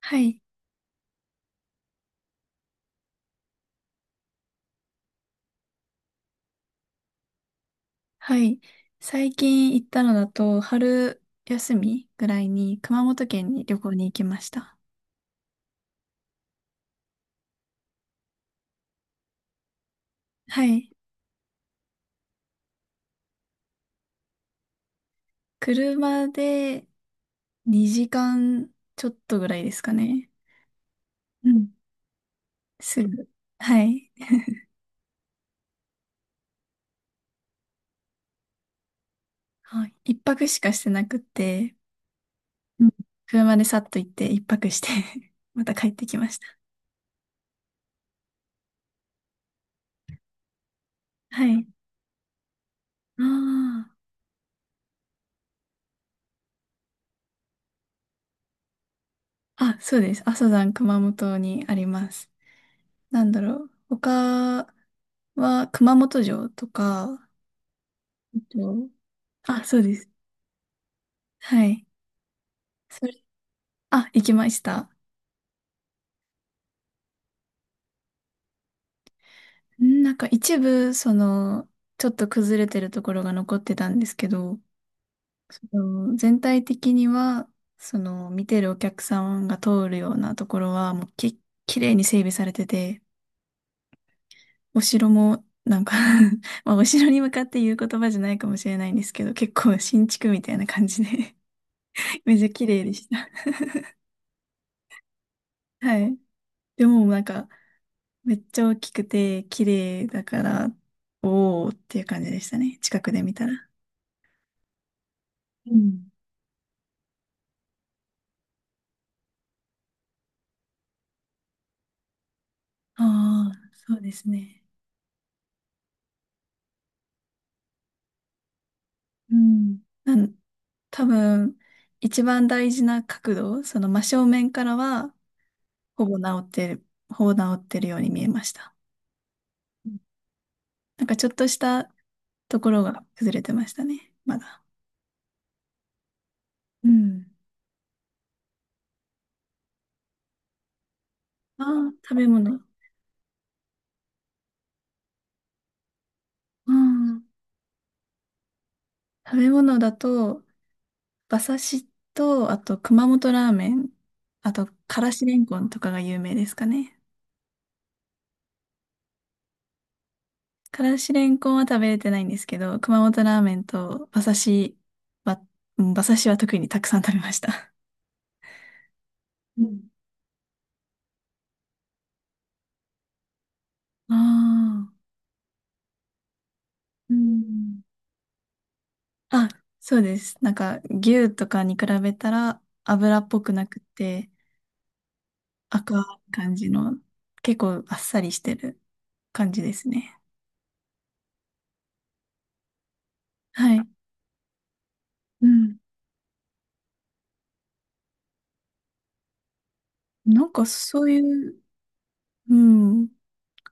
はい、はい。最近行ったのだと、春休みぐらいに熊本県に旅行に行きました。はい。車で2時間ちょっとぐらいですかね。うん。すぐ。はい。はい。一泊しかしてなくて、うん、車でさっと行って一泊して また帰ってきました。はい。ああ。あ、そうです。阿蘇山熊本にあります。なんだろう。他は熊本城とか、えっと、あ、そうです。はい。それ、あ、行きました。なんか一部、その、ちょっと崩れてるところが残ってたんですけど、その全体的には、その、見てるお客さんが通るようなところは、もうき、綺麗に整備されてて、お城も、なんか まあ、お城に向かって言う言葉じゃないかもしれないんですけど、結構新築みたいな感じで めっちゃ綺麗でした。はい。でも、なんか、めっちゃ大きくて綺麗だから、おーっていう感じでしたね。近くで見たら。うん。ああ、そうですね。うん。多分、一番大事な角度、その真正面からは、ほぼ治ってるように見えました。うん、なんかちょっとしたところが崩れてましたね。まだ。うん。ああ、食べ物。うん。食べ物だと、馬刺しと、あと熊本ラーメン、あとからしれんこんとかが有名ですかね。からしれんこんは食べれてないんですけど、熊本ラーメンと馬刺しは、うん、馬刺しは特にたくさん食べました。うん。ああ。うん、あ、そうです。なんか牛とかに比べたら油っぽくなくて赤い感じの、結構あっさりしてる感じですね。はい。うん。なんかそういう、うん。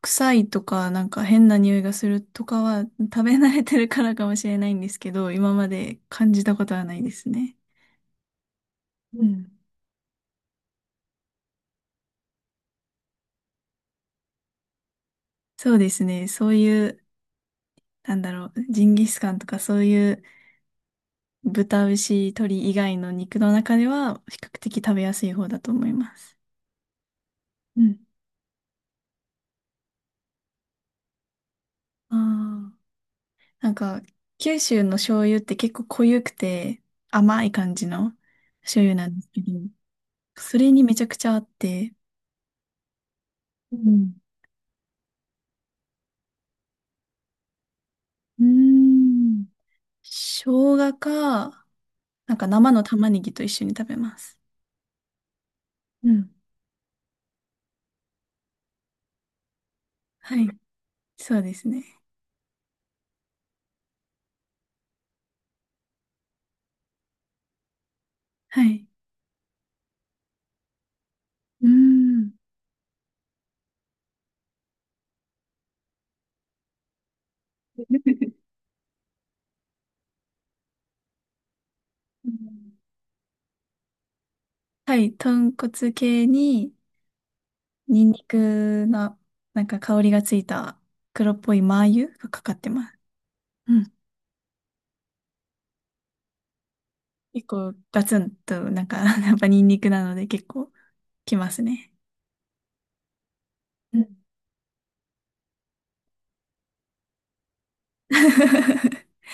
臭いとか、なんか変な匂いがするとかは、食べ慣れてるからかもしれないんですけど、今まで感じたことはないですね。うん。そうですね。そういう、なんだろう、ジンギスカンとかそういう豚、牛、鶏以外の肉の中では、比較的食べやすい方だと思います。うん、ああ、なんか、九州の醤油って結構濃ゆくて甘い感じの醤油なんですけど、それにめちゃくちゃあって、うん、うーん、生姜か、なんか生の玉ねぎと一緒に食べます。うん。はい。そうですね。はい。うーん。うん、はい。豚骨系に、ニンニクの、なんか香りがついた黒っぽいマー油がかかってます。うん。結構ガツンと、なんか、やっぱニンニクなので結構きますね。うん。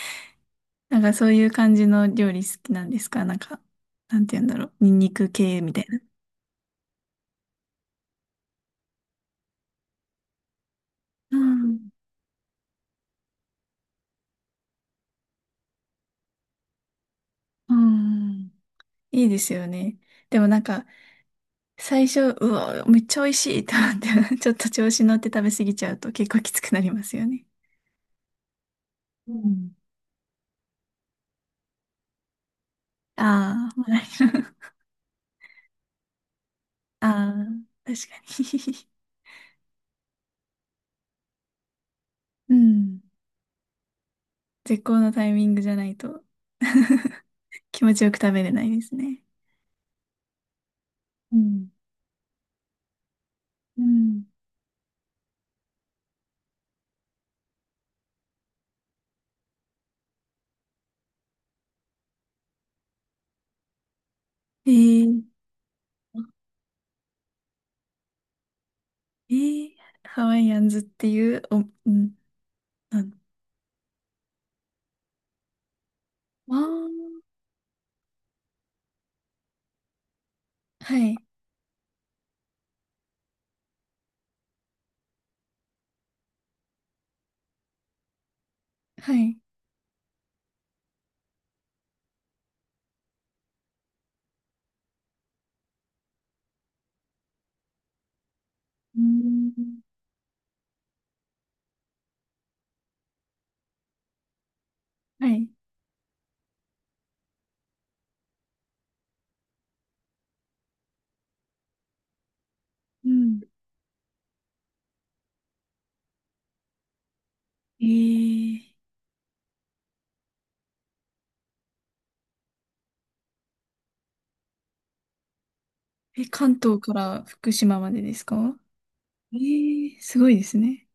なんかそういう感じの料理好きなんですかなんか、なんて言うんだろう。ニンニク系みたいな。うん。いいですよね。でもなんか、最初、うわ、めっちゃ美味しいと思って、ちょっと調子乗って食べ過ぎちゃうと結構きつくなりますよね。うん。ああ、もらえる。ああ、確かに。うん。絶好のタイミングじゃないと 気持ちよく食べれないですね。うん。うん、えー、えー、ハワイアンズっていう、お、うん、なん、ああ、はい、はい、うん。はい。うん、えー、え、関東から福島までですか？えー、すごいですね。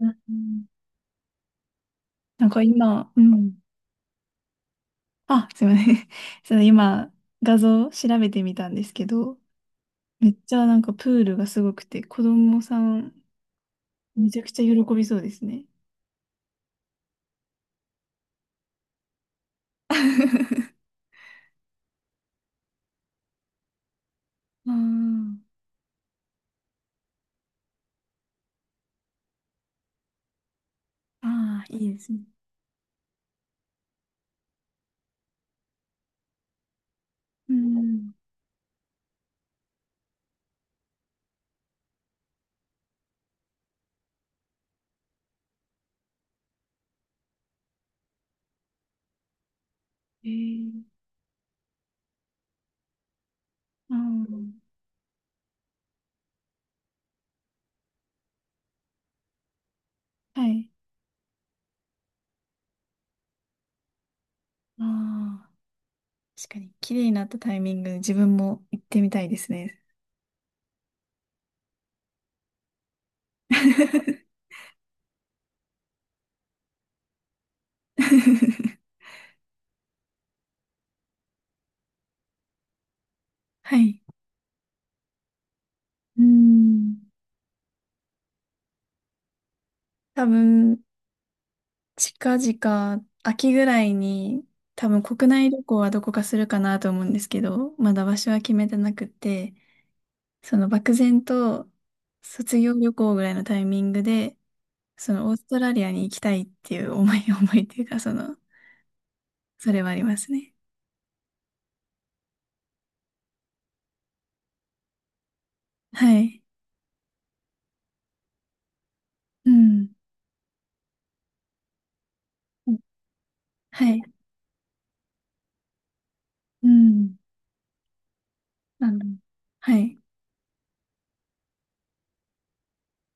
うん。うん。なんか今、うん。あ、すいません。その今、画像調べてみたんですけど、めっちゃなんかプールがすごくて、子供さん、めちゃくちゃ喜びそうですね。あー、あー、いいですね。うん。えー、あー、はい。ああ、確かに、綺麗になったタイミングで自分も行ってみたいですね。はい。うん。多分、近々、秋ぐらいに、多分国内旅行はどこかするかなと思うんですけど、まだ場所は決めてなくて、その漠然と卒業旅行ぐらいのタイミングで、そのオーストラリアに行きたいっていう思い、思いっていうか、その、それはありますね。はい。うん。はい。うん。あの、はい。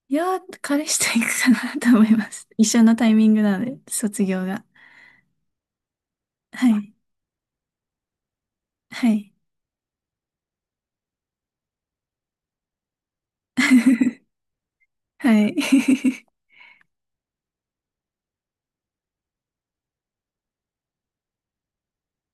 いやー、彼氏と行くかなと思います。一緒のタイミングなので、卒業が。はい。はい。はい。